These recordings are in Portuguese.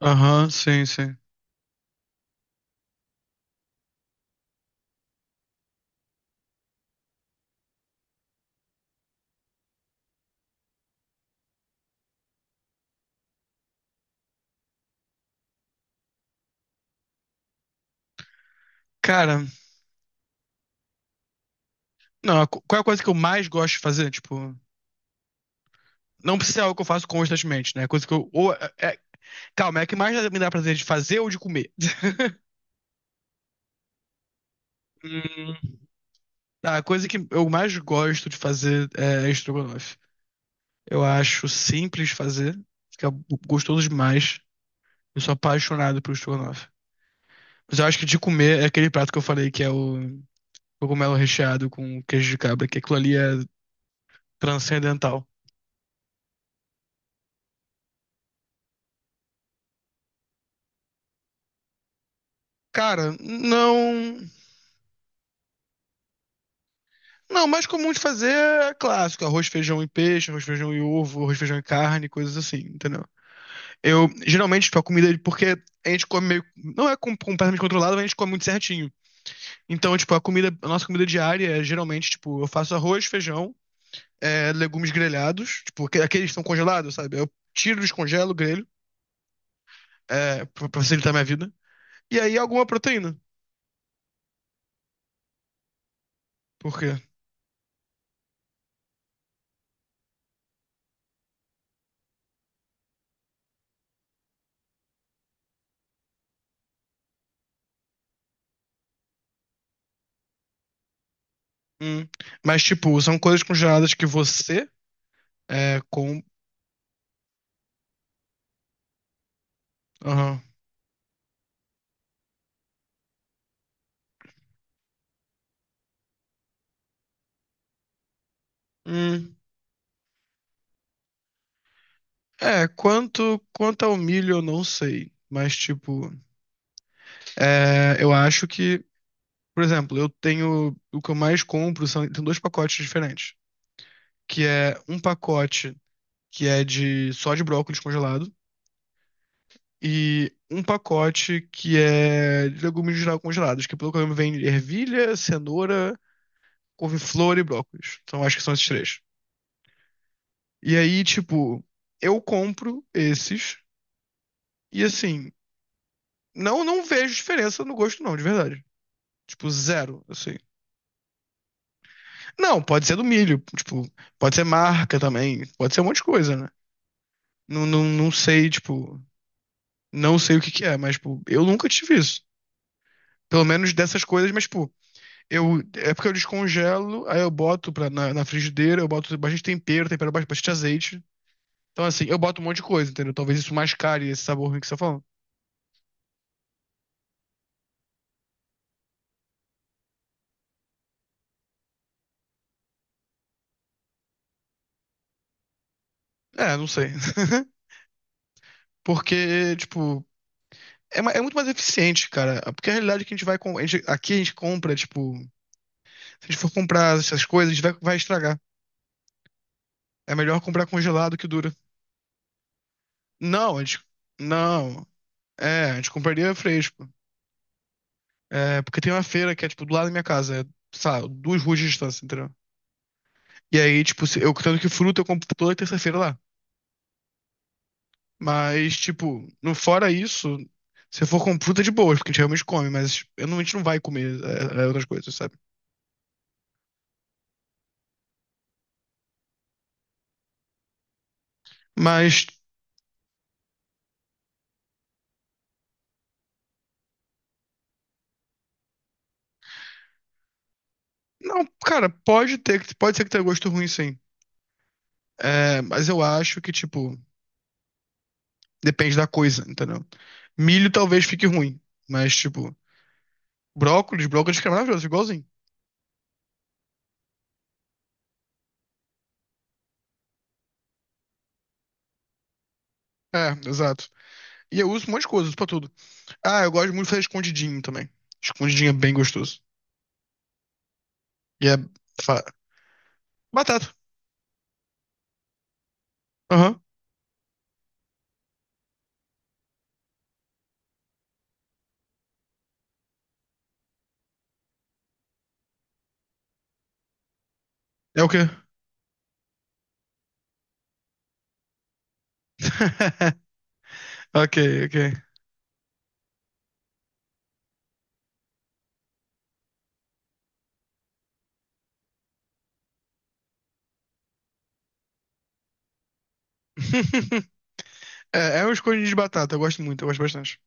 Aham, sim, sim. Cara, não, qual é a coisa que eu mais gosto de fazer? Tipo, não precisa ser algo que eu faço constantemente, né? É coisa que eu. Ou, calma, é a que mais me dá prazer de fazer ou de comer? Hum, tá, a coisa que eu mais gosto de fazer é estrogonofe. Eu acho simples de fazer, fica gostoso demais. Eu sou apaixonado por estrogonofe. Mas eu acho que de comer é aquele prato que eu falei que é o cogumelo recheado com queijo de cabra, que aquilo ali é transcendental. Cara, não. Não, o mais comum de fazer é clássico: arroz, feijão e peixe; arroz, feijão e ovo; arroz, feijão e carne, coisas assim, entendeu? Eu, geralmente, tipo, a comida, porque a gente come meio, não é completamente controlado, mas a gente come muito certinho. Então, tipo, a comida, a nossa comida diária é, geralmente, tipo, eu faço arroz, feijão, legumes grelhados, tipo, aqueles que estão congelados, sabe? Eu tiro, descongelo, grelho, pra facilitar minha vida. E aí, alguma proteína, por quê? Hum. Mas, tipo, são coisas congeladas que você, é, com... Aham. Hum. É, quanto ao milho eu não sei, mas tipo, é, eu acho que, por exemplo, eu tenho, o que eu mais compro são, tem dois pacotes diferentes, que é um pacote que é de só de brócolis congelado e um pacote que é de legumes em geral congelados, que pelo que eu lembro vem ervilha, cenoura, couve-flor e brócolis. Então acho que são esses três. E aí, tipo, eu compro esses e assim, não vejo diferença no gosto não, de verdade. Tipo, zero, assim. Não, pode ser do milho, tipo, pode ser marca também, pode ser um monte de coisa, né? Não sei, tipo, não sei o que que é, mas, tipo, eu nunca tive isso. Pelo menos dessas coisas, mas, tipo, eu, é porque eu descongelo, aí eu boto pra, na frigideira, eu boto bastante tempero, tempero bastante, bastante azeite. Então, assim, eu boto um monte de coisa, entendeu? Talvez isso mascare esse sabor ruim que você tá falando. É, não sei. Porque, tipo, é, é muito mais eficiente, cara. Porque a realidade é que a gente vai. A gente, aqui a gente compra, tipo. Se a gente for comprar essas coisas, a gente vai, vai estragar. É melhor comprar congelado que dura. Não, a gente. Não. É, a gente compraria fresco. É, porque tem uma feira que é, tipo, do lado da minha casa. É, sei duas ruas de distância, entendeu? E aí, tipo, eu tanto que fruta eu compro toda terça-feira lá. Mas, tipo, no fora isso, se eu for com fruta de boas, porque a gente realmente come, mas eu não, a gente não vai comer outras coisas, sabe? Mas, não, cara, pode ter, pode ser que tenha gosto ruim, sim. É, mas eu acho que, tipo, depende da coisa, entendeu? Milho talvez fique ruim, mas, tipo, brócolis fica maravilhoso, igualzinho. É, exato. E eu uso um monte de coisa, uso pra tudo. Ah, eu gosto muito de fazer escondidinho também. Escondidinho é bem gostoso. E é. fa- Batata. Aham. É o quê? Ok, ok. É, é um escondidinho de batata, eu gosto muito, eu gosto bastante.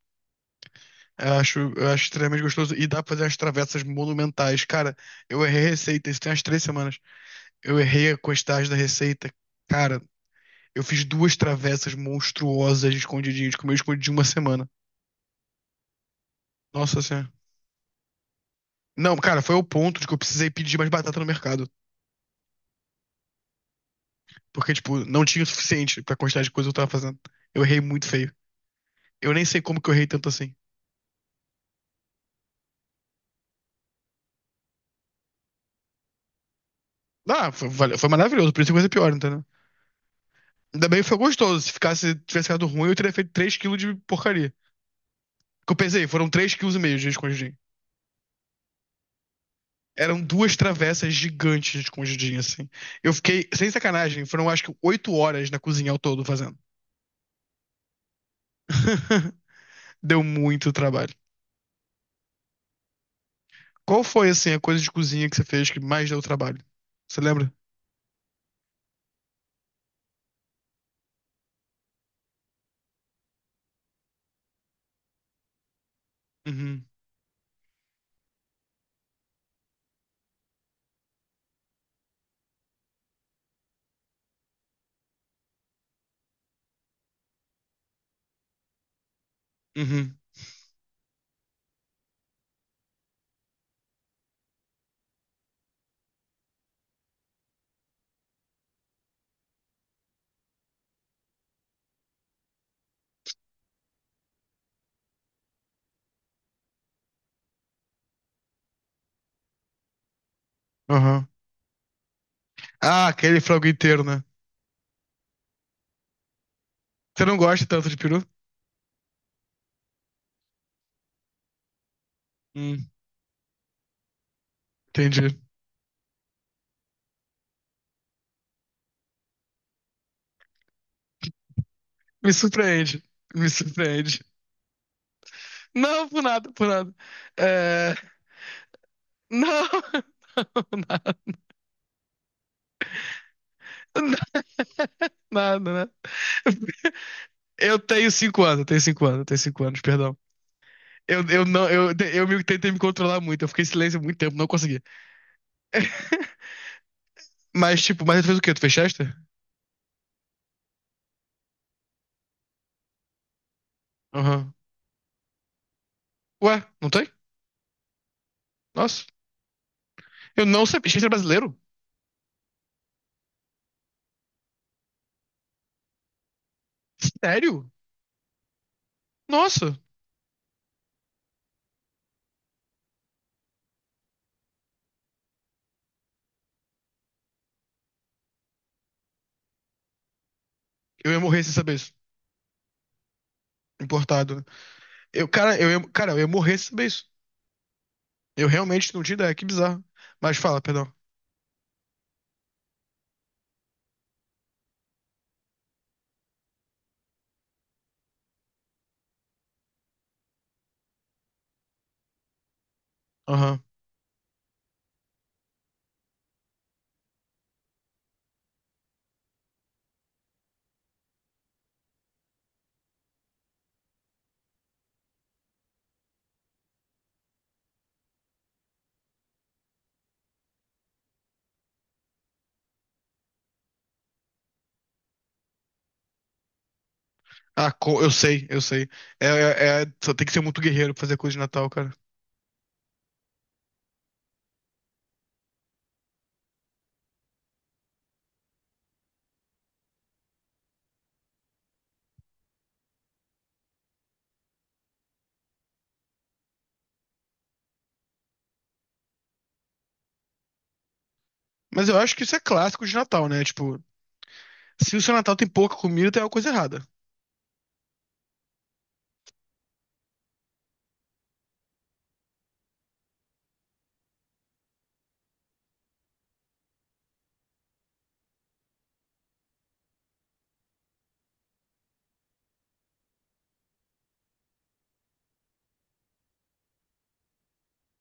Eu acho extremamente gostoso e dá pra fazer umas travessas monumentais. Cara, eu errei a receita, isso tem umas 3 semanas. Eu errei a quantidade da receita. Cara, eu fiz duas travessas monstruosas de escondidinho, de comi escondidinho uma semana. Nossa senhora. Não, cara, foi ao ponto de que eu precisei pedir mais batata no mercado. Porque, tipo, não tinha o suficiente pra quantidade de coisa que eu tava fazendo. Eu errei muito feio. Eu nem sei como que eu errei tanto assim. Ah, foi, foi maravilhoso, por isso que coisa pior, entendeu? Ainda bem que foi gostoso. Se ficasse, tivesse ficado ruim, eu teria feito 3 quilos de porcaria. Que eu pensei, foram 3 quilos e meio de escondidinho. Eram duas travessas gigantes de escondidinho, assim. Eu fiquei, sem sacanagem, foram acho que 8 horas na cozinha ao todo fazendo. Deu muito trabalho. Qual foi, assim, a coisa de cozinha que você fez que mais deu trabalho? Você lembra? Uhum, uhum, aham. Ah, aquele frango inteiro, né? Você não gosta tanto de peru? Hum, entendi. Me surpreende, me surpreende. Não, por nada, por nada. É... Não, nada, nada, nada. Eu tenho 5 anos, eu tenho cinco anos, eu tenho cinco anos, perdão. Eu não, eu me, tentei me controlar muito, eu fiquei em silêncio muito tempo, não consegui. Mas, tipo, mas tu fez o quê? Tu fez Chester? Aham. Ué, não tem? Nossa. Eu não sabia. Gente, era brasileiro? Sério? Nossa. Eu ia morrer sem saber isso. Importado. Né? Eu, cara, eu ia morrer sem saber isso. Eu realmente não tinha ideia. Que bizarro. Mas fala, perdão. Aham. Ah, eu sei, eu sei. É, só tem que ser muito guerreiro pra fazer coisa de Natal, cara. Mas eu acho que isso é clássico de Natal, né? Tipo, se o seu Natal tem pouca comida, tem alguma coisa errada.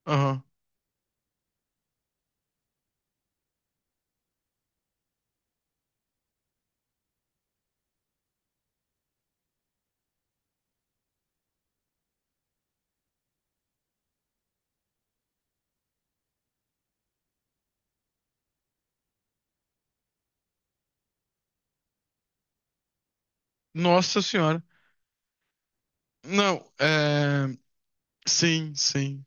Aham. Nossa senhora. Não, é. Sim, sim.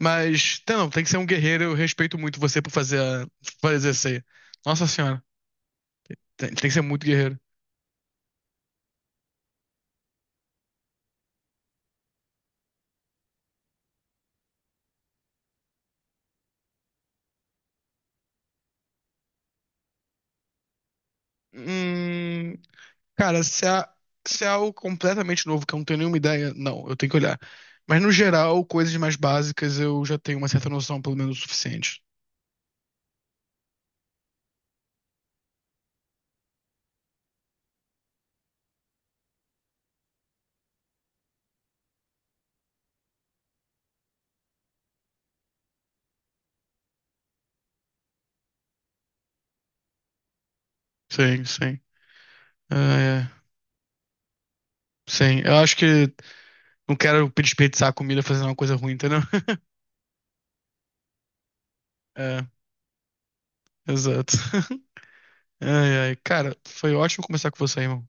Mas, tá, não, tem que ser um guerreiro. Eu respeito muito você por fazer essa aí. Nossa senhora, tem que ser muito guerreiro. Hum, cara, se é algo completamente novo que eu não tenho nenhuma ideia, não, eu tenho que olhar. Mas no geral, coisas mais básicas eu já tenho uma certa noção, pelo menos o suficiente. Sim, sim. Ah, é. Sim, eu acho que não quero desperdiçar a comida fazendo uma coisa ruim, entendeu? É, exato. Ai, ai. Cara, foi ótimo conversar com você, irmão.